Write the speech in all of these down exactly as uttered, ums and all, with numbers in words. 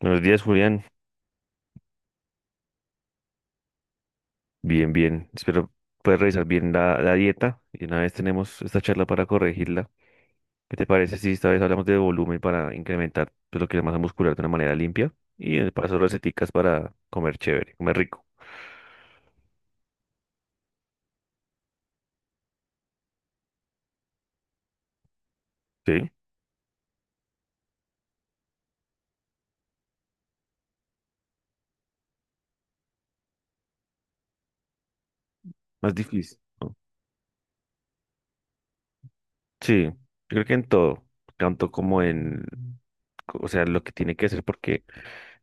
Buenos días, Julián. Bien, bien. Espero puedas revisar bien la, la dieta y una vez tenemos esta charla para corregirla. ¿Qué te parece si esta vez hablamos de volumen para incrementar pues, lo que es la masa muscular de una manera limpia? Y en el paso receticas para comer chévere, comer rico. Sí, más difícil, ¿no? Sí, yo creo que en todo, tanto como en, o sea, lo que tiene que hacer porque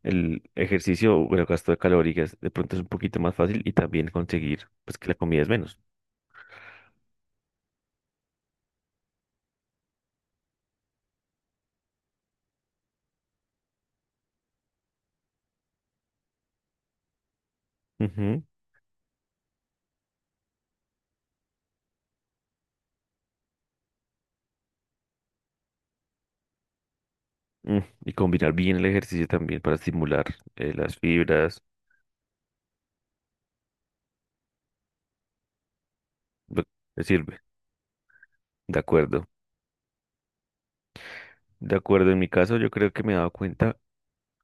el ejercicio o el gasto de calorías de pronto es un poquito más fácil y también conseguir pues que la comida es menos. Ujú. Mm, Y combinar bien el ejercicio también para estimular eh, las fibras. Lo que sirve. De acuerdo. De acuerdo, en mi caso yo creo que me he dado cuenta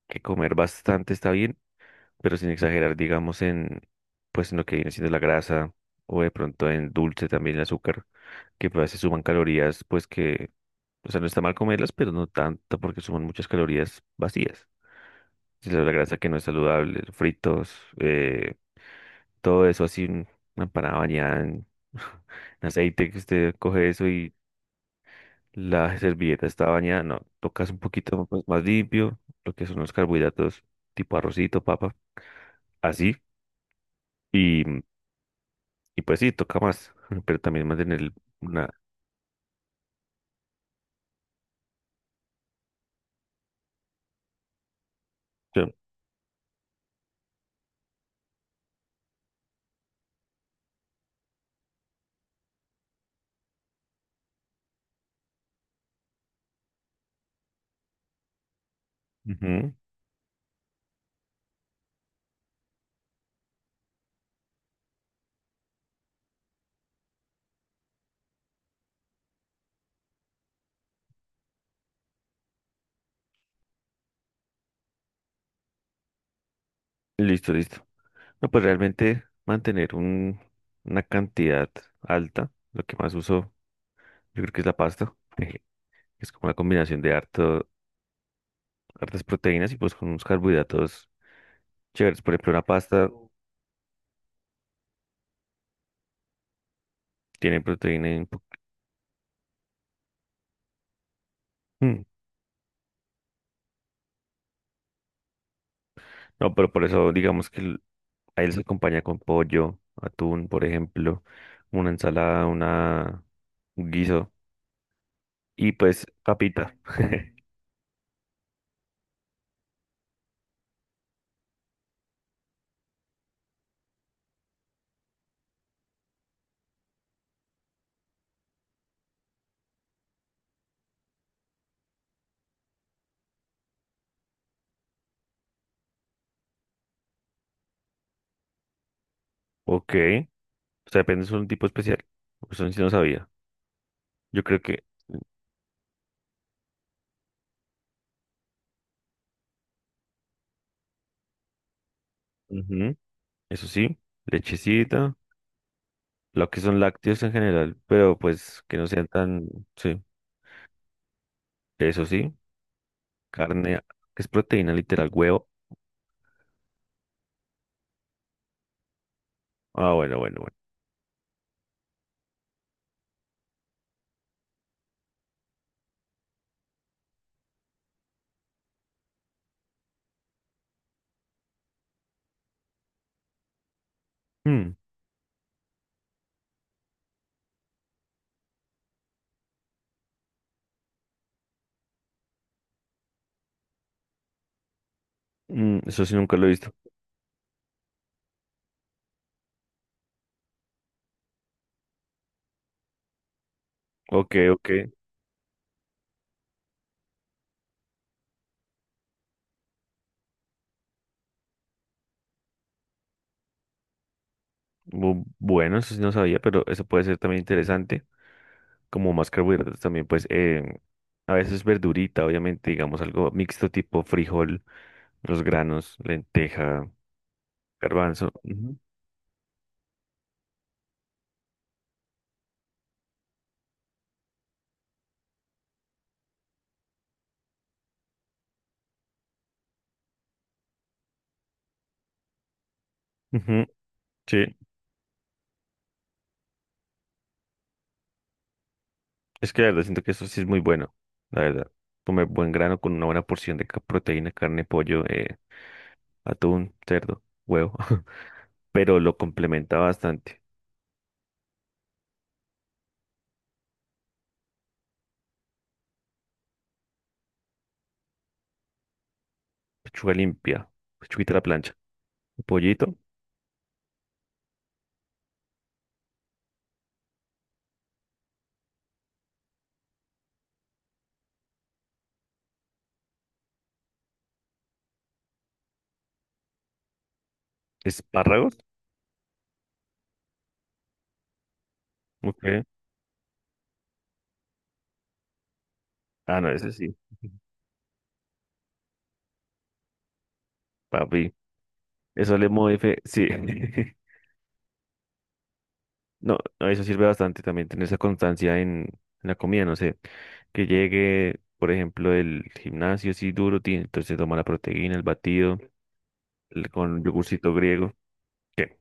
que comer bastante está bien, pero sin exagerar, digamos, en pues en lo que viene siendo la grasa o de pronto en dulce también el azúcar, que pues, a veces suman calorías, pues que, o sea, no está mal comerlas, pero no tanto porque suman muchas calorías vacías. Si la grasa que no es saludable, fritos, eh, todo eso así, en una empanada bañada en, en aceite, que usted coge eso y la servilleta está bañada, no, tocas un poquito pues, más limpio, lo que son los carbohidratos tipo arrocito, papa, así, y, y pues sí, toca más, pero también mantener el- una... yo- Ujú. Listo, listo. No, pues realmente mantener un, una cantidad alta, lo que más uso, yo creo que es la pasta, que es como una combinación de harto, hartas proteínas y pues con unos carbohidratos chéveres. Por ejemplo, una pasta tiene proteína. Y un po- mm, no, pero por eso digamos que el- a él se acompaña con pollo, atún, por ejemplo, una ensalada, una, un guiso y pues papita. Ok, o sea, depende, es un tipo especial. Eso sí no sabía. Yo creo que, ujú, eso sí, lechecita, lo que son lácteos en general, pero pues que no sean tan, sí, eso sí, carne, que es proteína literal, huevo. Ah, bueno, bueno, bueno. Mm, mm, eso sí nunca lo he visto. Ok, ok. Bu- bueno, eso sí no sabía, pero eso puede ser también interesante. Como más carbohidratos también, pues eh, a veces verdurita, obviamente, digamos algo mixto tipo frijol, los granos, lenteja, garbanzo. Ujú. Ujú, sí, es que la verdad siento que eso sí es muy bueno, la verdad. Comer buen grano con una buena porción de ca- proteína, carne, pollo, eh, atún, cerdo, huevo, pero lo complementa bastante. Pechuga limpia, pechuguita a la plancha, pollito, espárragos. Ok. Ah, no, eso sí, papi. Eso le modifica. Sí. No, no, eso sirve bastante también, tener esa constancia en, en la comida, no sé. Que llegue, por ejemplo, el gimnasio así duro, tiene, entonces toma la proteína, el batido, el- con yogurcito griego. ¿Qué?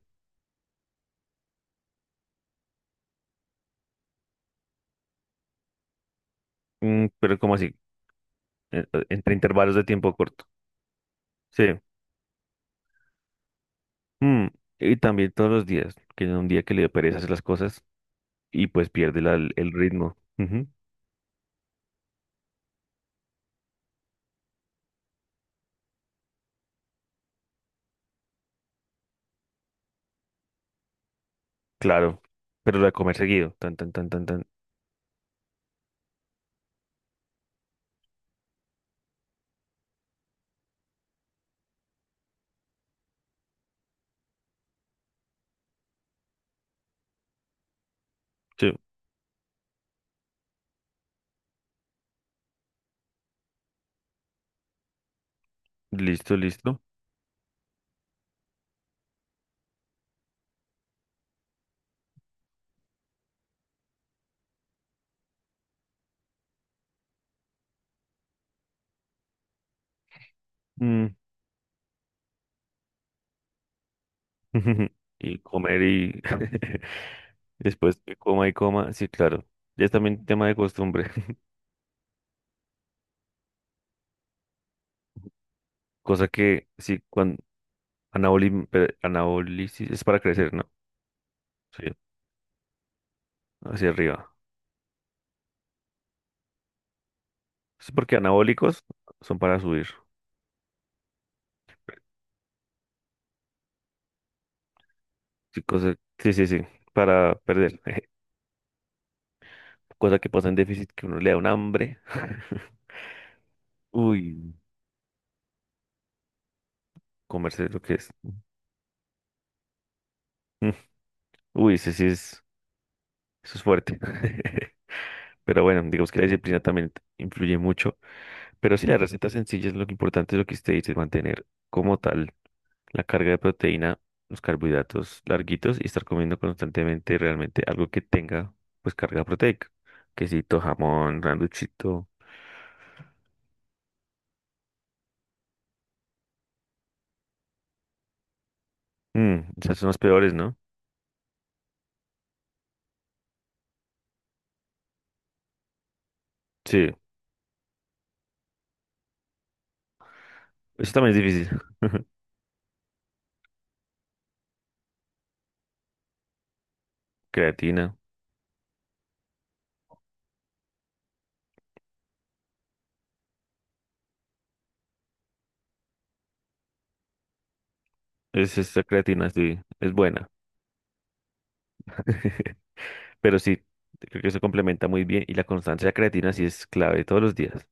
Mm, pero como así, Eh, eh, entre intervalos de tiempo corto. Sí. Mm, Y también todos los días, que es un día que le dio pereza hacer las cosas y pues pierde la- el ritmo. Ujú, claro. Pero la de comer seguido, tan, tan, tan, tan, tan. Sí, listo, listo. Mm, Y comer y después que coma y coma, sí, claro. Ya es también tema de costumbre. Cosa que sí, cuando anabólico anabólisis es para crecer, ¿no? Sí, hacia arriba. Sí, porque anabólicos son para subir. Sí, cosa, sí, sí, sí, para perder. Cosa que pasa en déficit que uno le da un hambre. Uy, comerse lo que es. Mm, Uy, sí, sí es, eso es fuerte. Pero bueno, digamos que la disciplina también influye mucho. Pero sí, la receta sencilla es lo que importante, es lo que usted dice, mantener como tal la carga de proteína, los carbohidratos larguitos y estar comiendo constantemente realmente algo que tenga pues carga proteica. Quesito, jamón, randuchito. Mm, esas son las peores, ¿no? Sí, eso también es difícil. Creatina. Es esta creatina, sí, es buena. Pero sí, creo que se complementa muy bien y la constancia de la creatina sí es clave todos los días.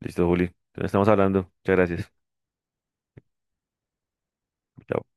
Listo, Juli. Entonces estamos hablando. Muchas gracias. Chao.